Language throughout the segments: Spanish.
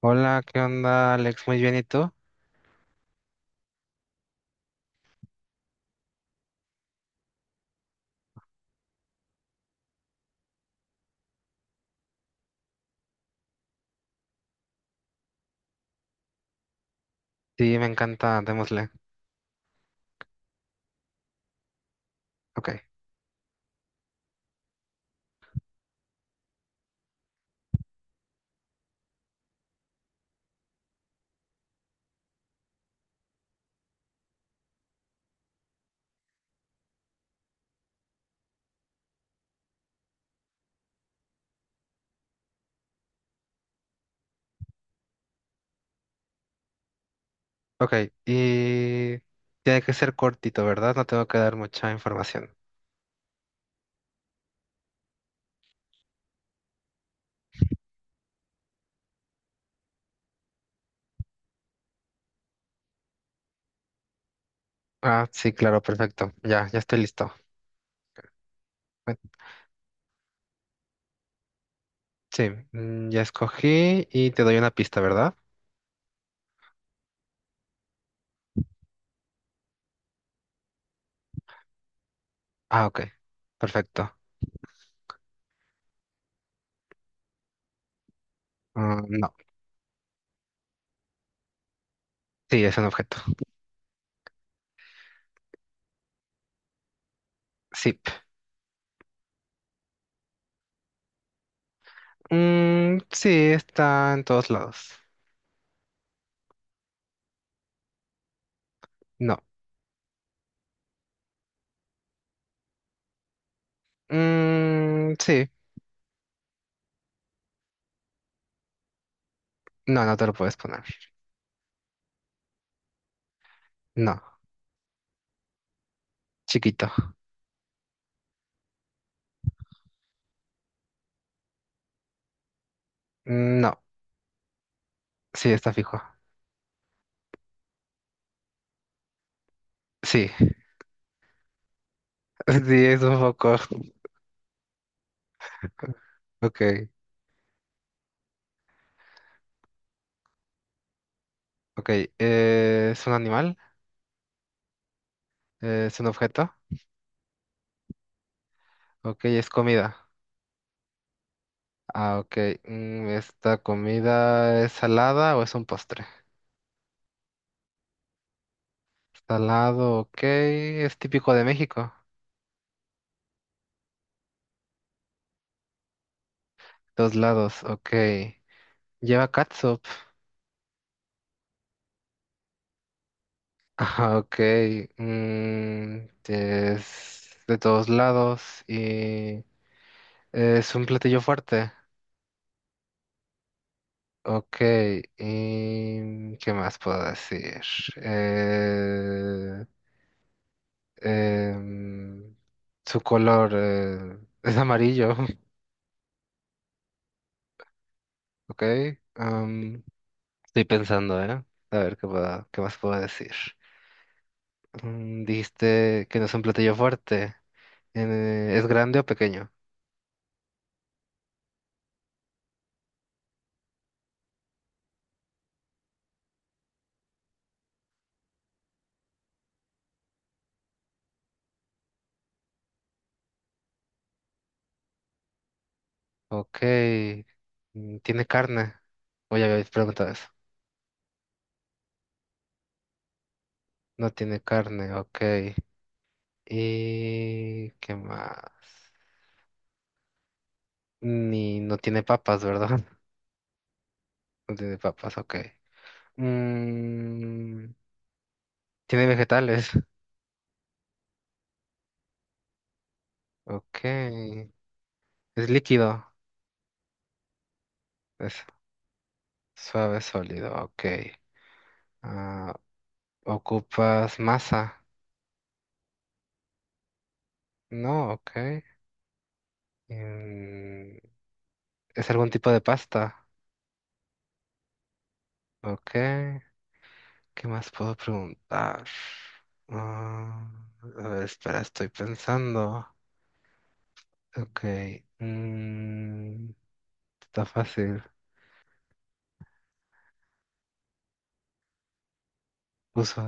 Hola, ¿qué onda, Alex? Muy bien, ¿y tú? Sí, me encanta, démosle. Ok, ok, y tiene que ser cortito, ¿verdad? No tengo que dar mucha información. Ah, sí, claro, perfecto. Ya estoy listo. Eh, Sí, ya escogí y te doy una pista, ¿verdad? Ah, ok, perfecto. Ah, no, sí, es un objeto. Sí. Mm, sí, está en todos lados. No. Mm, sí, no, no te lo puedes poner. No, chiquito. No, sí, está fijo. Sí. Sí, es un poco. Ok, ok. ¿Es un animal? ¿Es un objeto? Ok, es comida. Ah, ok. mm, ¿esta comida es salada o es un postre? Salado, ok. Es típico de México. Dos lados, ok. Lleva catsup. Ah, ok. mm, es de todos lados y es un platillo fuerte. Ok, ¿y qué más puedo decir? Eh, em, Su color es amarillo. Ok. am, estoy pensando, ¿eh? A ver qué qué más puedo decir. Mm, dijiste que no es un platillo fuerte. ¿Es grande o pequeño? Ok. mm, ¿Tiene carne? O ya habéis preguntado eso. No tiene carne, ok. ¿Y qué más? Ni no tiene papas, ¿verdad? No tiene papas, ok. Mm, tiene vegetales. Ok. Es líquido, es suave, sólido, ok. Ah, ocupas masa, no, ok. Mm, es algún tipo de pasta, ok. ¿Qué más puedo preguntar? Ah, a ver, espera, estoy pensando. Ok. mm, está fácil. Uso.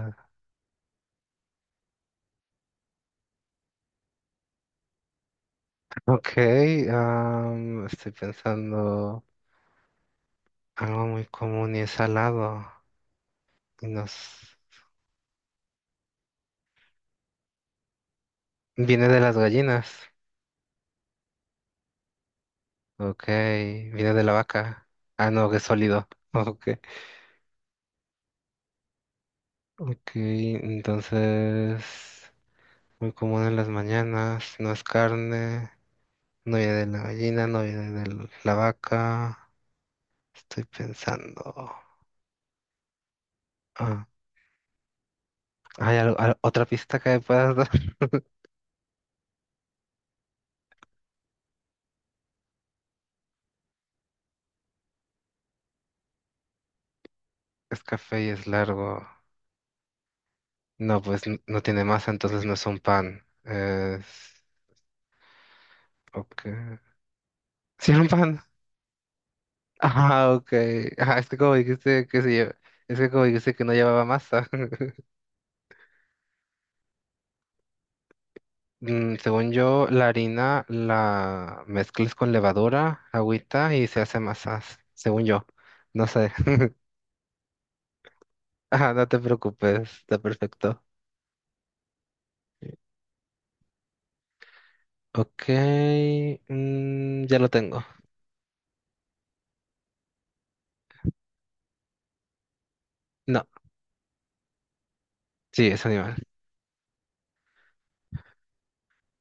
Ok, am, estoy pensando algo muy común y es salado. Y nos... Viene de las gallinas. Ok, viene de la vaca. Ah, no, que es sólido. Ok. Ok, entonces muy común en las mañanas, no es carne, no viene de la gallina, no viene de la vaca. Estoy pensando. Ah, ¿hay otra pista que me puedas dar? Es café y es largo. No, pues no tiene masa, entonces no es un pan. Es... Ok. Sí, es un pan. Ah, ok. Ah, es que como dijiste es que como dijiste que no llevaba masa. Mm, Según yo, la harina la mezclas con levadura, agüita y se hace masas. Según yo. No sé. Ah, no te preocupes. Está perfecto. Ok. mm, ya lo tengo. No. Sí, es animal.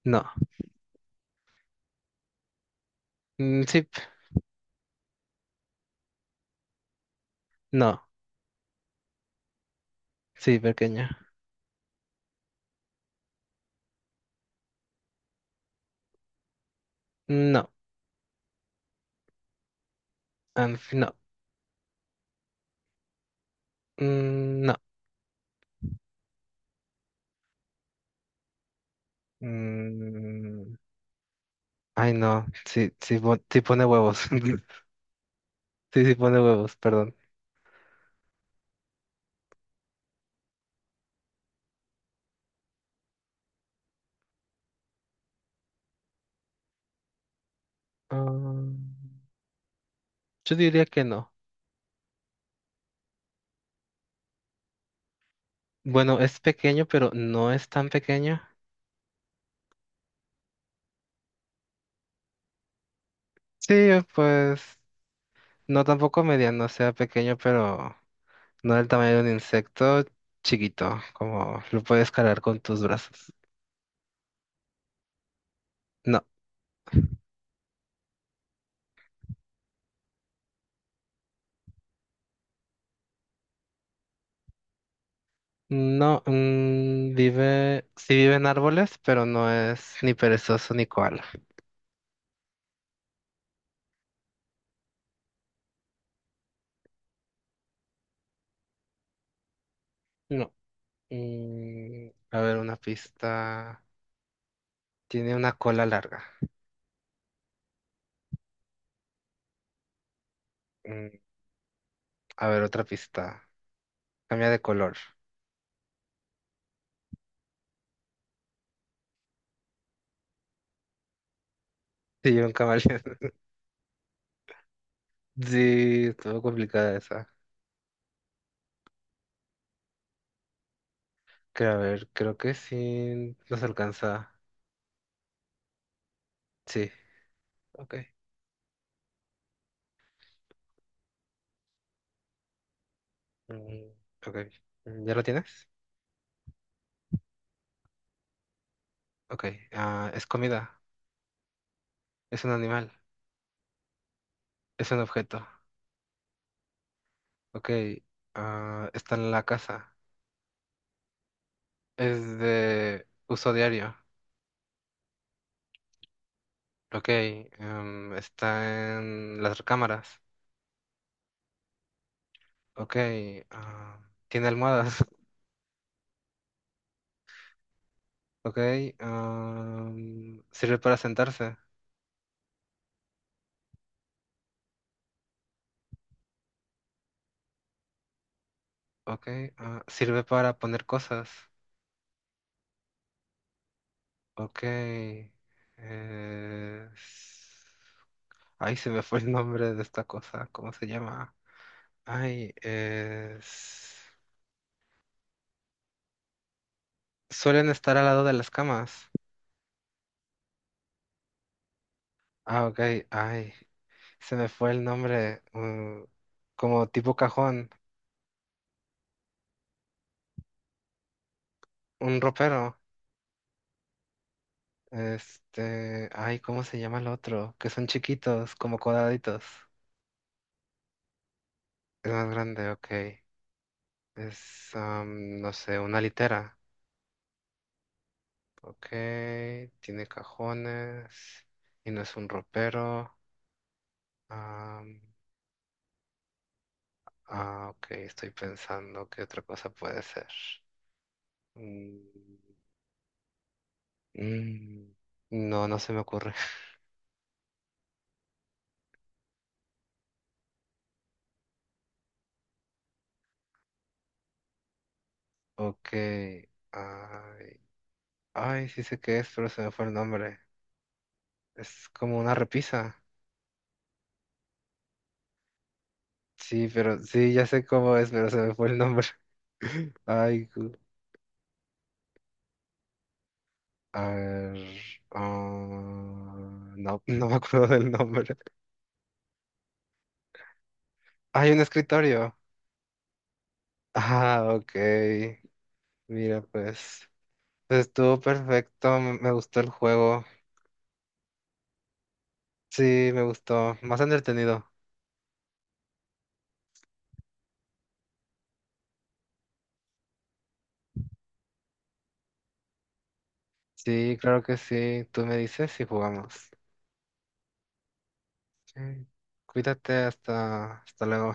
No. Mm, sí. No. Sí, pequeña. No. Ah, no. Mm, no. Mm, ay, no. Sí, sí, sí pone huevos. Sí, sí pone huevos, perdón. Ah, yo diría que no. Bueno, es pequeño, pero no es tan pequeño. Sí, pues no tampoco mediano, o sea pequeño, pero no del tamaño de un insecto chiquito, como lo puedes cargar con tus brazos. No, no, mm, vive, sí vive en árboles, pero no es ni perezoso ni koala. No. Mm, a ver, una pista. Tiene una cola larga. Mm, a ver, otra pista. Cambia de color. Sí, un camaleón. Sí, estuvo complicada esa. Creo, a ver, creo que sí nos alcanza. Sí, ok. Mm, ok. Mm, ¿Ya lo tienes? Ok. Ah, es comida. Es un animal. Es un objeto. Ok. Ah, está en la casa. Es de uso diario. Ok. em, está en las recámaras. Ok, ah, tiene almohadas. Ok, ah, sirve para sentarse. Ok, ah, sirve para poner cosas. Ok, eh, s- ay, se me fue el nombre de esta cosa. ¿Cómo se llama? Ay, suelen estar al lado de las camas. Ah, ok, ay, se me fue el nombre. Mm, como tipo cajón, un ropero. Este, ay, ¿cómo se llama el otro? Que son chiquitos, como cuadraditos. Es más grande, ok. Es, am, no sé, una litera. Ok, tiene cajones y no es un ropero. Am, ah, ok, estoy pensando qué otra cosa puede ser. Mm, mm, no, no se me ocurre. Ok, ay, ay, sí sé qué es, pero se me fue el nombre. Es como una repisa. Sí, pero sí, ya sé cómo es, pero se me fue el nombre. Ay, cu- a ver, ah, no, no me acuerdo del nombre. Hay un escritorio. Ah, ok. Mira, pues, pues estuvo perfecto. Me gustó el juego. Sí, me gustó. Más entretenido. Sí, claro que sí. Tú me dices si jugamos. Sí. Cuídate, hasta luego.